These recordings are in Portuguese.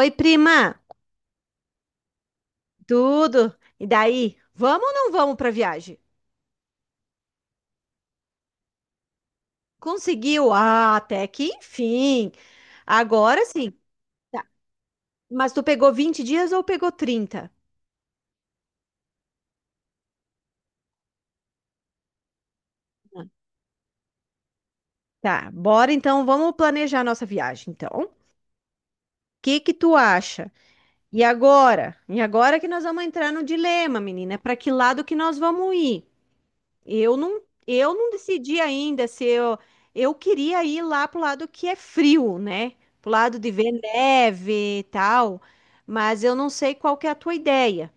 Oi, prima, tudo? E daí? Vamos ou não vamos para viagem? Conseguiu? Ah, até que enfim. Agora sim. Tá. Mas tu pegou 20 dias ou pegou 30? Tá, bora então, vamos planejar nossa viagem, então. O que que tu acha? E agora? E agora que nós vamos entrar no dilema, menina, para que lado que nós vamos ir? Eu não, eu não decidi ainda se eu queria ir lá pro lado que é frio, né? Pro lado de ver neve e tal, mas eu não sei qual que é a tua ideia.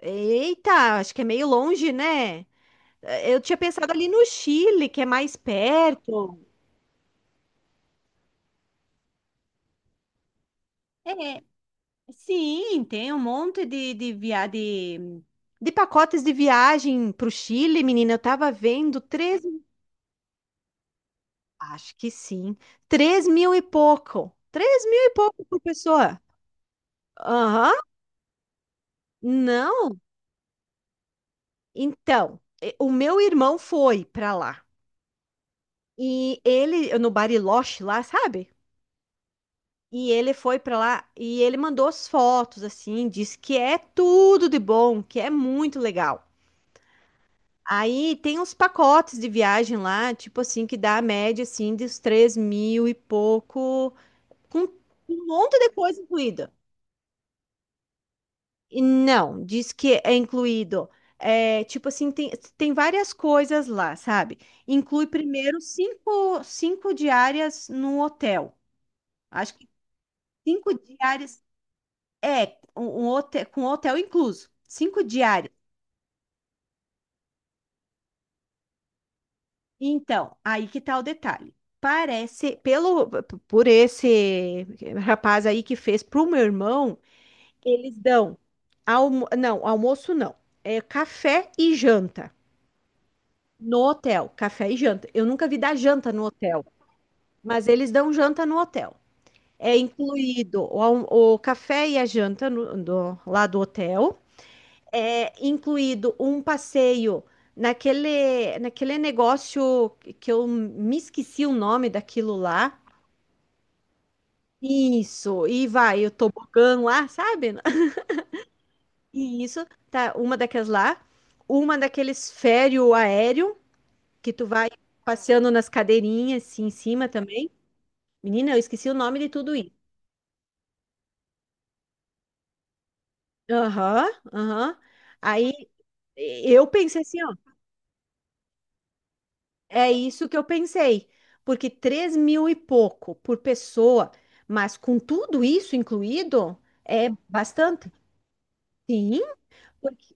Eita, acho que é meio longe, né? Eu tinha pensado ali no Chile, que é mais perto. É, sim, tem um monte de, de pacotes de viagem pro Chile, menina, eu tava vendo três. Acho que sim. 3 mil e pouco. 3 mil e pouco por pessoa. Aham. Não. Então, o meu irmão foi pra lá. E ele, no Bariloche lá, sabe? E ele foi pra lá e ele mandou as fotos, assim, disse que é tudo de bom, que é muito legal. Aí tem uns pacotes de viagem lá, tipo assim, que dá a média, assim, dos 3 mil e pouco, com um monte de coisa incluída. E não, diz que é incluído. É, tipo assim, tem várias coisas lá, sabe? Inclui primeiro cinco diárias no hotel. Acho que 5 diárias é um hotel, com hotel incluso. 5 diárias. Então, aí que tá o detalhe. Parece, por esse rapaz aí que fez pro meu irmão, eles dão não, almoço não. É café e janta. No hotel, café e janta. Eu nunca vi dar janta no hotel, mas eles dão janta no hotel. É incluído o café e a janta lá do hotel. É incluído um passeio naquele negócio que eu me esqueci o nome daquilo lá. Isso, e vai o tobogã lá, sabe? E isso, tá, uma daquelas lá, uma daqueles férreo aéreo que tu vai passeando nas cadeirinhas assim, em cima também. Menina, eu esqueci o nome de tudo isso. Aham, aham. Aí eu pensei assim, ó, é isso que eu pensei. Porque 3 mil e pouco por pessoa, mas com tudo isso incluído, é bastante. Sim, porque,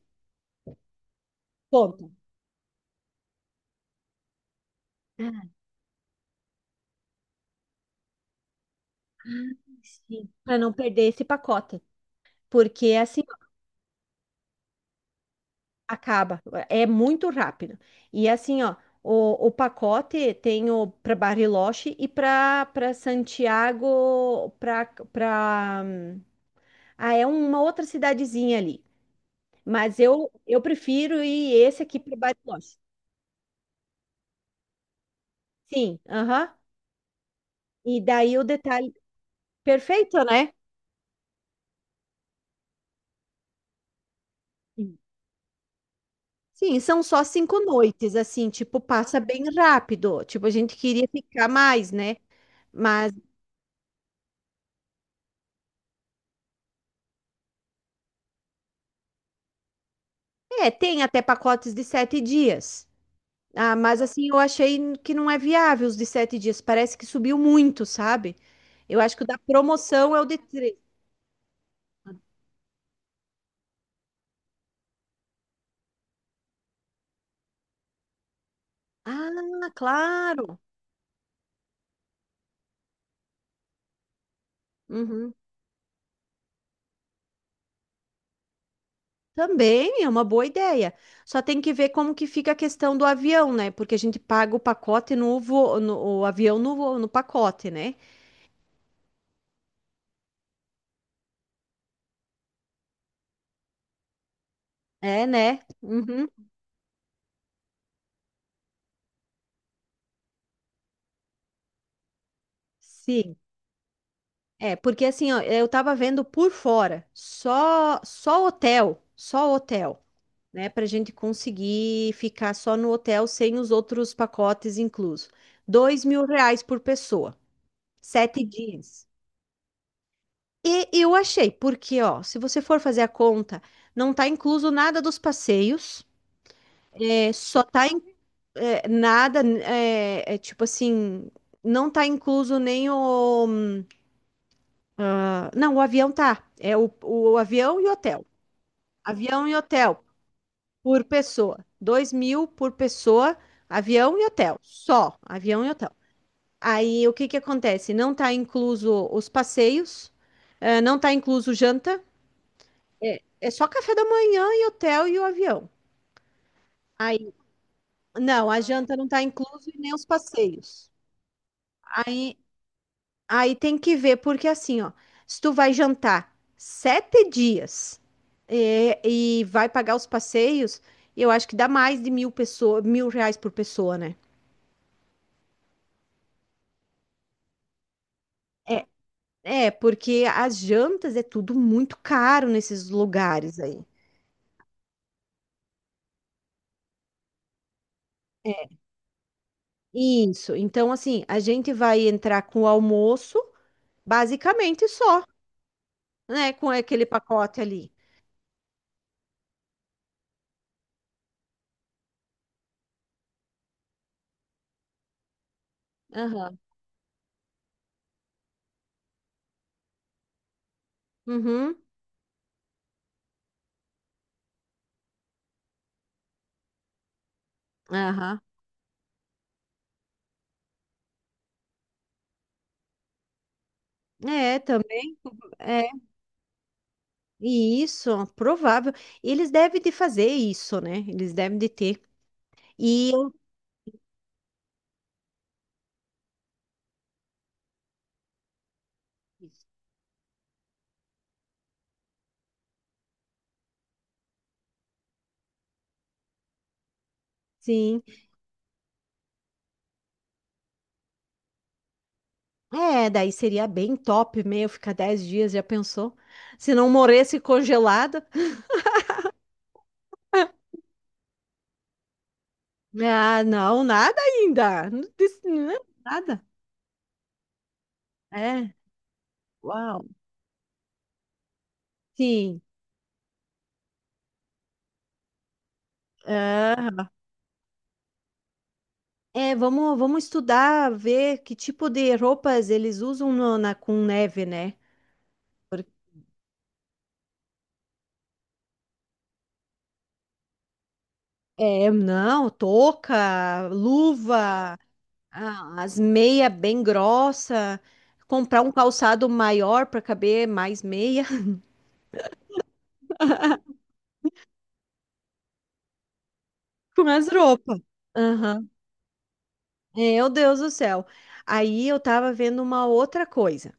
ponto. Sim, para não perder esse pacote. Porque assim, ó, acaba, é muito rápido. E assim, ó, o pacote tem o para Bariloche e para Santiago, para ah, é uma outra cidadezinha ali. Mas eu prefiro ir esse aqui para Bariloche. Sim, aham. E daí o detalhe. Perfeito, né? Sim, sim, são só 5 noites, assim, tipo, passa bem rápido. Tipo, a gente queria ficar mais, né? Mas, é, tem até pacotes de 7 dias. Ah, mas assim, eu achei que não é viável os de 7 dias. Parece que subiu muito, sabe? Eu acho que o da promoção é o de três. Ah, claro. Uhum. Também é uma boa ideia. Só tem que ver como que fica a questão do avião, né? Porque a gente paga o pacote no o avião no pacote, né? É, né? Uhum. Sim. É, porque assim, ó, eu tava vendo por fora, só hotel, só hotel, né? Pra gente conseguir ficar só no hotel sem os outros pacotes inclusos. R$ 2 mil por pessoa, 7 dias. E eu achei, porque, ó, se você for fazer a conta, não tá incluso nada dos passeios, é, só tá é, nada, é tipo assim, não tá incluso nem o. Ah, não, o avião tá. É o avião e o hotel. Avião e hotel por pessoa. 2 mil por pessoa, avião e hotel. Só avião e hotel. Aí o que que acontece? Não tá incluso os passeios, não tá incluso janta, é só café da manhã e hotel e o avião. Aí, não, a janta não tá incluso e nem os passeios. Aí, aí, tem que ver, porque assim, ó, se tu vai jantar 7 dias e, vai pagar os passeios, eu acho que dá mais de mil pessoa, mil reais por pessoa, né? É, é, porque as jantas é tudo muito caro nesses lugares aí. Isso. Então, assim, a gente vai entrar com o almoço, basicamente só, né? Com aquele pacote ali. Aham. Uhum. Aham. É, também é. E isso, provável. Eles devem de fazer isso, né? Eles devem de ter. E eu, sim. É, daí seria bem top, meio ficar 10 dias, já pensou? Se não morresse congelado. Ah, não, nada ainda. Não não, nada. É. Uau. Sim. Aham. É, vamos estudar, ver que tipo de roupas eles usam com neve, né? É, não, touca, luva, as meias bem grossa, comprar um calçado maior para caber mais meia com as roupas. Aham. Meu Deus do céu. Aí eu tava vendo uma outra coisa.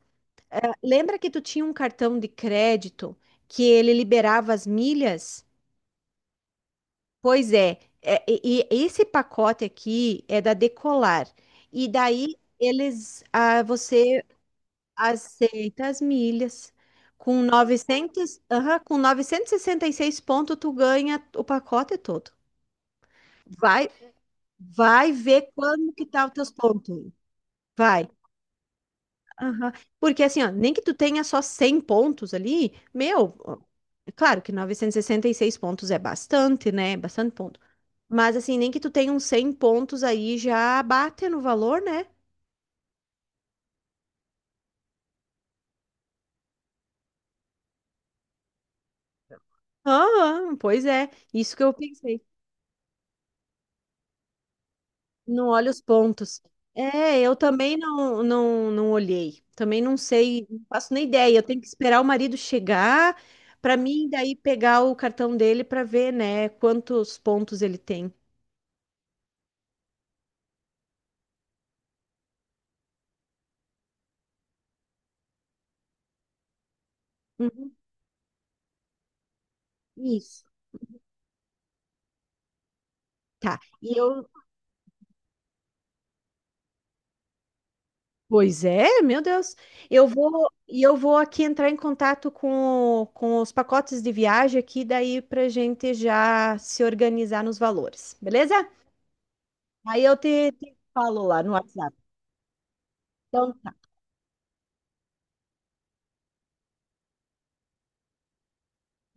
Lembra que tu tinha um cartão de crédito que ele liberava as milhas? Pois e esse pacote aqui é da Decolar. E daí eles, ah, você Aceita as milhas. Com 900, aham, com 966 pontos, tu ganha o pacote todo. Vai, vai ver quando que tá os teus pontos aí. Vai. Aham. Porque assim, ó, nem que tu tenha só 100 pontos ali, meu, ó, é claro que 966 pontos é bastante, né? É bastante ponto. Mas assim, nem que tu tenha uns 100 pontos aí já bate no valor, né? Aham, pois é. Isso que eu pensei. Não olha os pontos. É, eu também não, não, não olhei. Também não sei, não faço nem ideia. Eu tenho que esperar o marido chegar para mim daí pegar o cartão dele para ver, né, quantos pontos ele tem. Uhum, isso. Tá. E eu, pois é, meu Deus. Eu vou aqui entrar em contato com, com os pacotes de viagem aqui daí pra gente já se organizar nos valores, beleza? Aí eu te falo lá no WhatsApp. Então tá.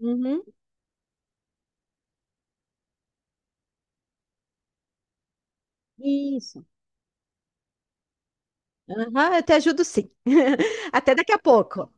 Uhum. Isso. Aham, eu te ajudo sim. Até daqui a pouco.